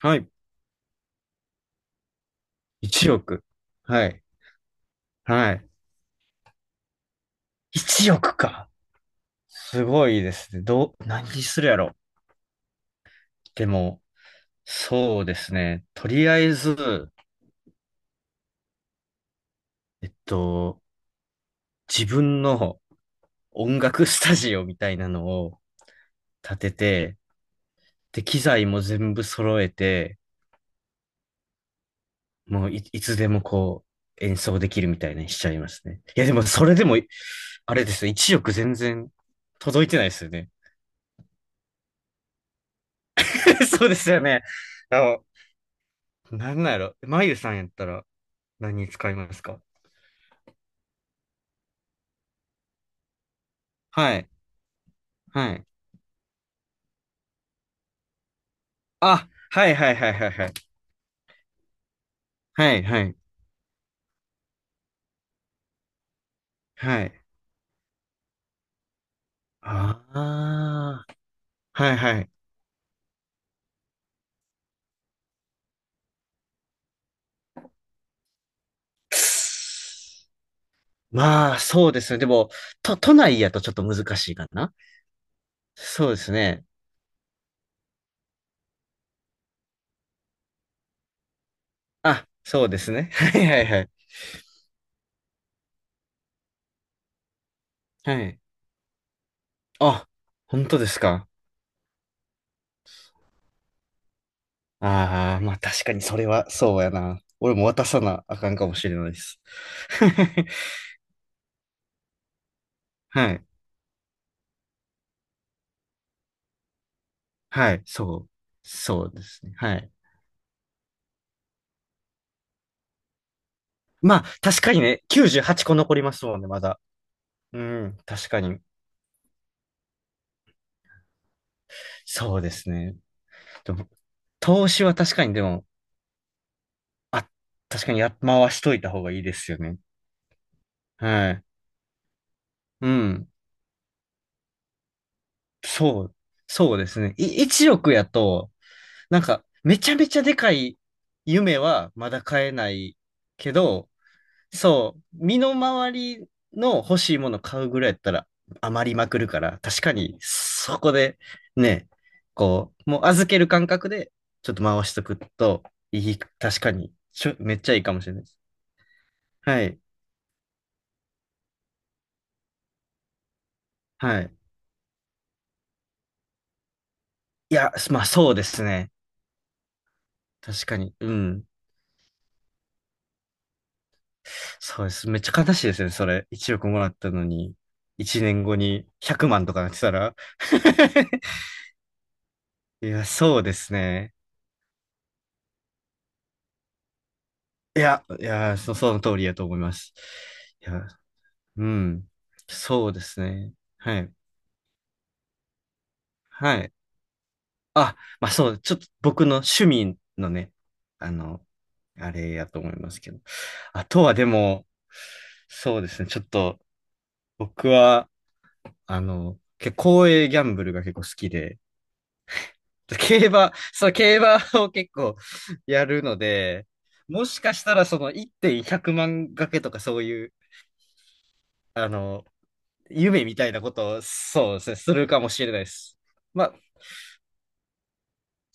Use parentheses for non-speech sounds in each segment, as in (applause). はい。1億。はい。はい。1億か。すごいですね。どう、何にするやろ。でも、そうですね。とりあえず、えっと、自分の音楽スタジオみたいなのを建てて、で、機材も全部揃えて、もういつでもこう、演奏できるみたいにしちゃいますね。いや、でもそれでも、あれですよ。1億全然届いてないですよね。(laughs) そうですよね。あの、なんなんやろ。まゆさんやったら、何に使いますか？はい。はい。あ、はいはいはいはいはい。はいはい。はい。ああ、はいはい。まあ、そうですね。でも、都内やとちょっと難しいかな。そうですね。あ、そうですね。(laughs) はいはいはい。はい。あ、本当ですか？ああー、まあ確かにそれはそうやな。俺も渡さなあかんかもしれないです。(laughs) はい。はい。そう。そうですね。はい。まあ、確かにね、98個残りますもんね、まだ。うん、確かに。そうですね。でも、投資は確かに、でも、あ、確かにや、回しといた方がいいですよね。はい。うん。そう、そうですね。1億やと、なんか、めちゃめちゃでかい夢はまだ買えないけど、そう、身の回りの欲しいもの買うぐらいやったら余りまくるから、確かにそこでね、こう、もう預ける感覚でちょっと回しとくといい、確かに、めっちゃいいかもしれないです。はい、はい。いや、まあそうですね。確かに、うん。そうです。めっちゃ悲しいですね、それ。1億もらったのに、1年後に100万とかなってたら。(laughs) いや、そうですね。いや、いや、その通りやと思います。いや、うん。そうですね。はい。はい。あ、まあそう、ちょっと僕の趣味のね、あの、あれやと思いますけど。あとはでも、そうですね。ちょっと、僕は、結構公営ギャンブルが結構好きで、競馬、そう、競馬を結構 (laughs) やるので、もしかしたらその1.100万賭けとかそういう、あの、夢みたいなことを、そうですね、するかもしれないです。まあ、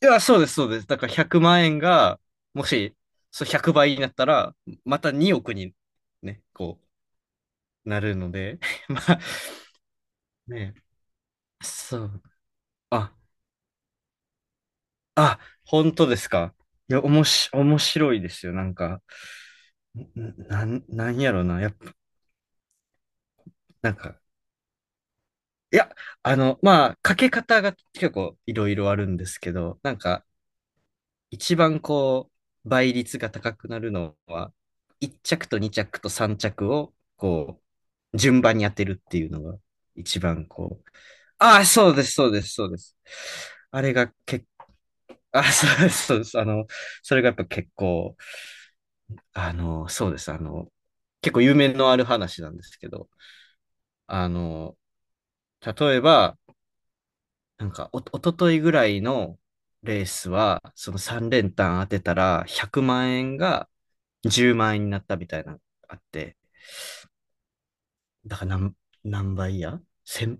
いや、そうです、そうです。だから100万円が、もし、そう100倍になったら、また2億に、ね、こう、なるので、(laughs) まあ、ね、そう。あ、あ、本当ですか？いや、おもし、面白いですよ。なんか、なんやろな。やっぱ、なんか、いや、まあ、かけ方が結構いろいろあるんですけど、なんか、一番こう、倍率が高くなるのは、1着と2着と3着を、こう、順番に当てるっていうのが、一番こう、ああ、そうです、そうです、そうです。あれが結構、あ、(laughs) そうです、そうです。それがやっぱ結構、そうです、結構有名のある話なんですけど、あの、例えば、なんかおとといぐらいのレースは、その3連単当てたら、100万円が10万円になったみたいな、あって、だから何倍や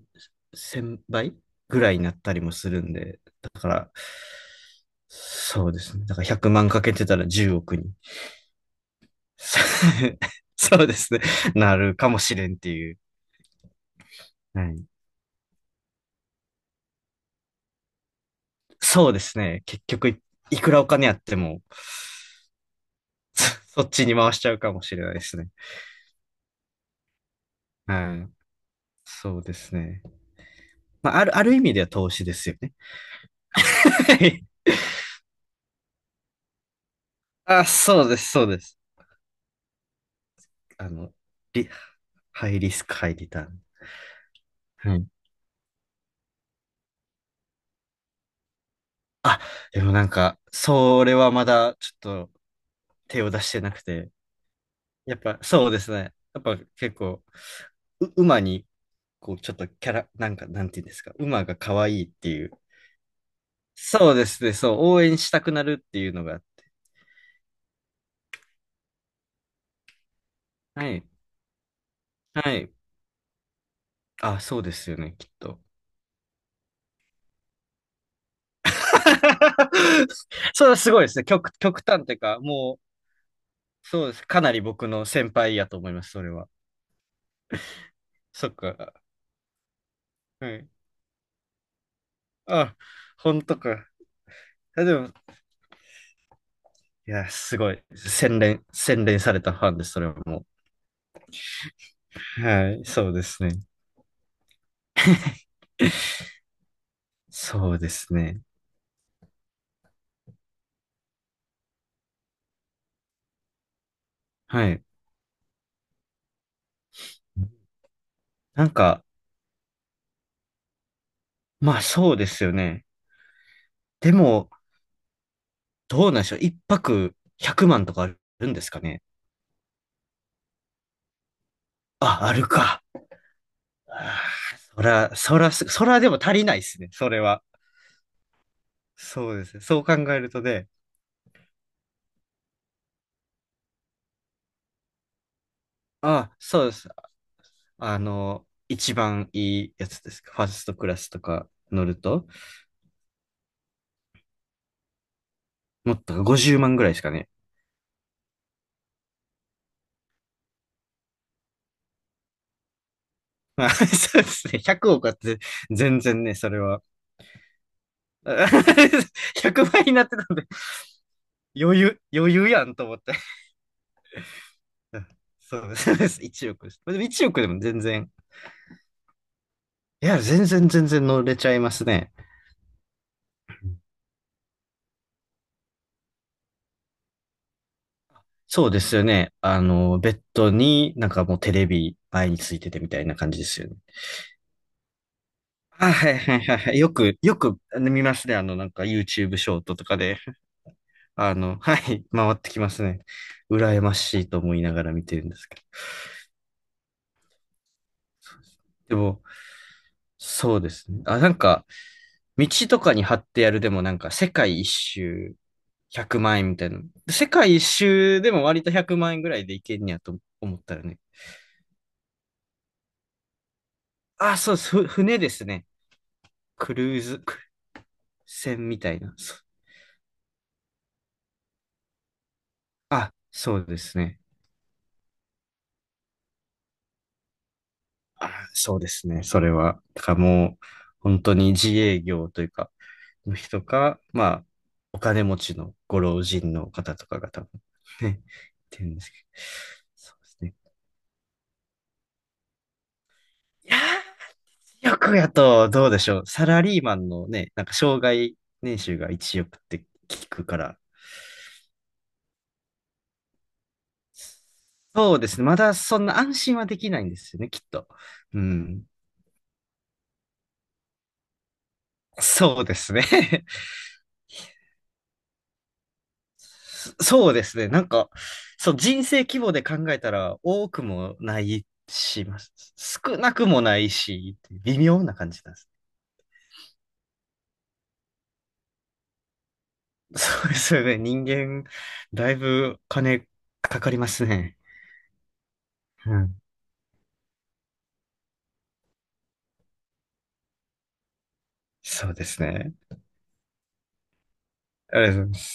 千倍ぐらいになったりもするんで、だから、そうですね。だから100万かけてたら10億に。さ (laughs) そうですね。なるかもしれんっていう。はい、そうですね。結局いくらお金あっても、そそっちに回しちゃうかもしれないですね。はい、そうですね。まあ、ある意味では投資ですよね。(laughs) はい。あ、そうです、そうです。あの、リ、ハイリスク、ハイリターン。はい。あ、でもなんか、それはまだちょっと手を出してなくて、やっぱそうですね。やっぱ結構、馬に、こう、ちょっとキャラ、なんか、なんていうんですか、馬が可愛いっていう。そうですね、そう、応援したくなるっていうのがあって。はい。はい。あ、そうですよね、きっと。(laughs) それはすごいですね。極端っていうか、もう、そうです。かなり僕の先輩やと思います、それは。そっか。はい。あ、本当か。あでも、いや、すごい。洗練されたファンです、それはもう。はい、そうですね。そうですね。はい。なんか、まあそうですよね。でも、どうなんでしょう。一泊100万とかあるんですかね？あ、あるか。あーそら、そらす、そらでも足りないですね、それは。そうですね。そう考えるとね、あ、そうです。一番いいやつです。ファーストクラスとか乗ると、もっと50万ぐらいですかね。まあ、(laughs) そうですね。100億あって、全然ね、それは。(laughs) 100倍になってたんで、余裕やんと思って。(laughs) そうです。そうです。1億です。でも1億でも全然、いや、全然全然乗れちゃいますね。そうですよね。ベッドになんかもうテレビ前についててみたいな感じですよね。あ、はいはいはいはい。よく見ますね。なんか YouTube ショートとかで。(laughs) はい、回ってきますね。羨ましいと思いながら見てるんですけど。でも、そうですね。あ、なんか、道とかに貼ってやるでもなんか、世界一周100万円みたいな。世界一周でも割と100万円ぐらいでいけんねやと思ったらね。あ、そうです。船ですね。クルーズ船みたいな。そうですね。あそうですね。それは。だからもう、本当に自営業というか、の人か、まあ、お金持ちのご老人の方とかが多分、ね、ってるんですけど。そうですね。いやー、億やと、どうでしょう。サラリーマンのね、なんか、障害年収が1億って聞くから。そうですね。まだそんな安心はできないんですよね、きっと。うん。そうですね。(laughs) そうですね。なんか、そう、人生規模で考えたら多くもないし、少なくもないし、微妙な感じなんです。そうですよね。人間、だいぶ金かかりますね。うん。そうですね。あれです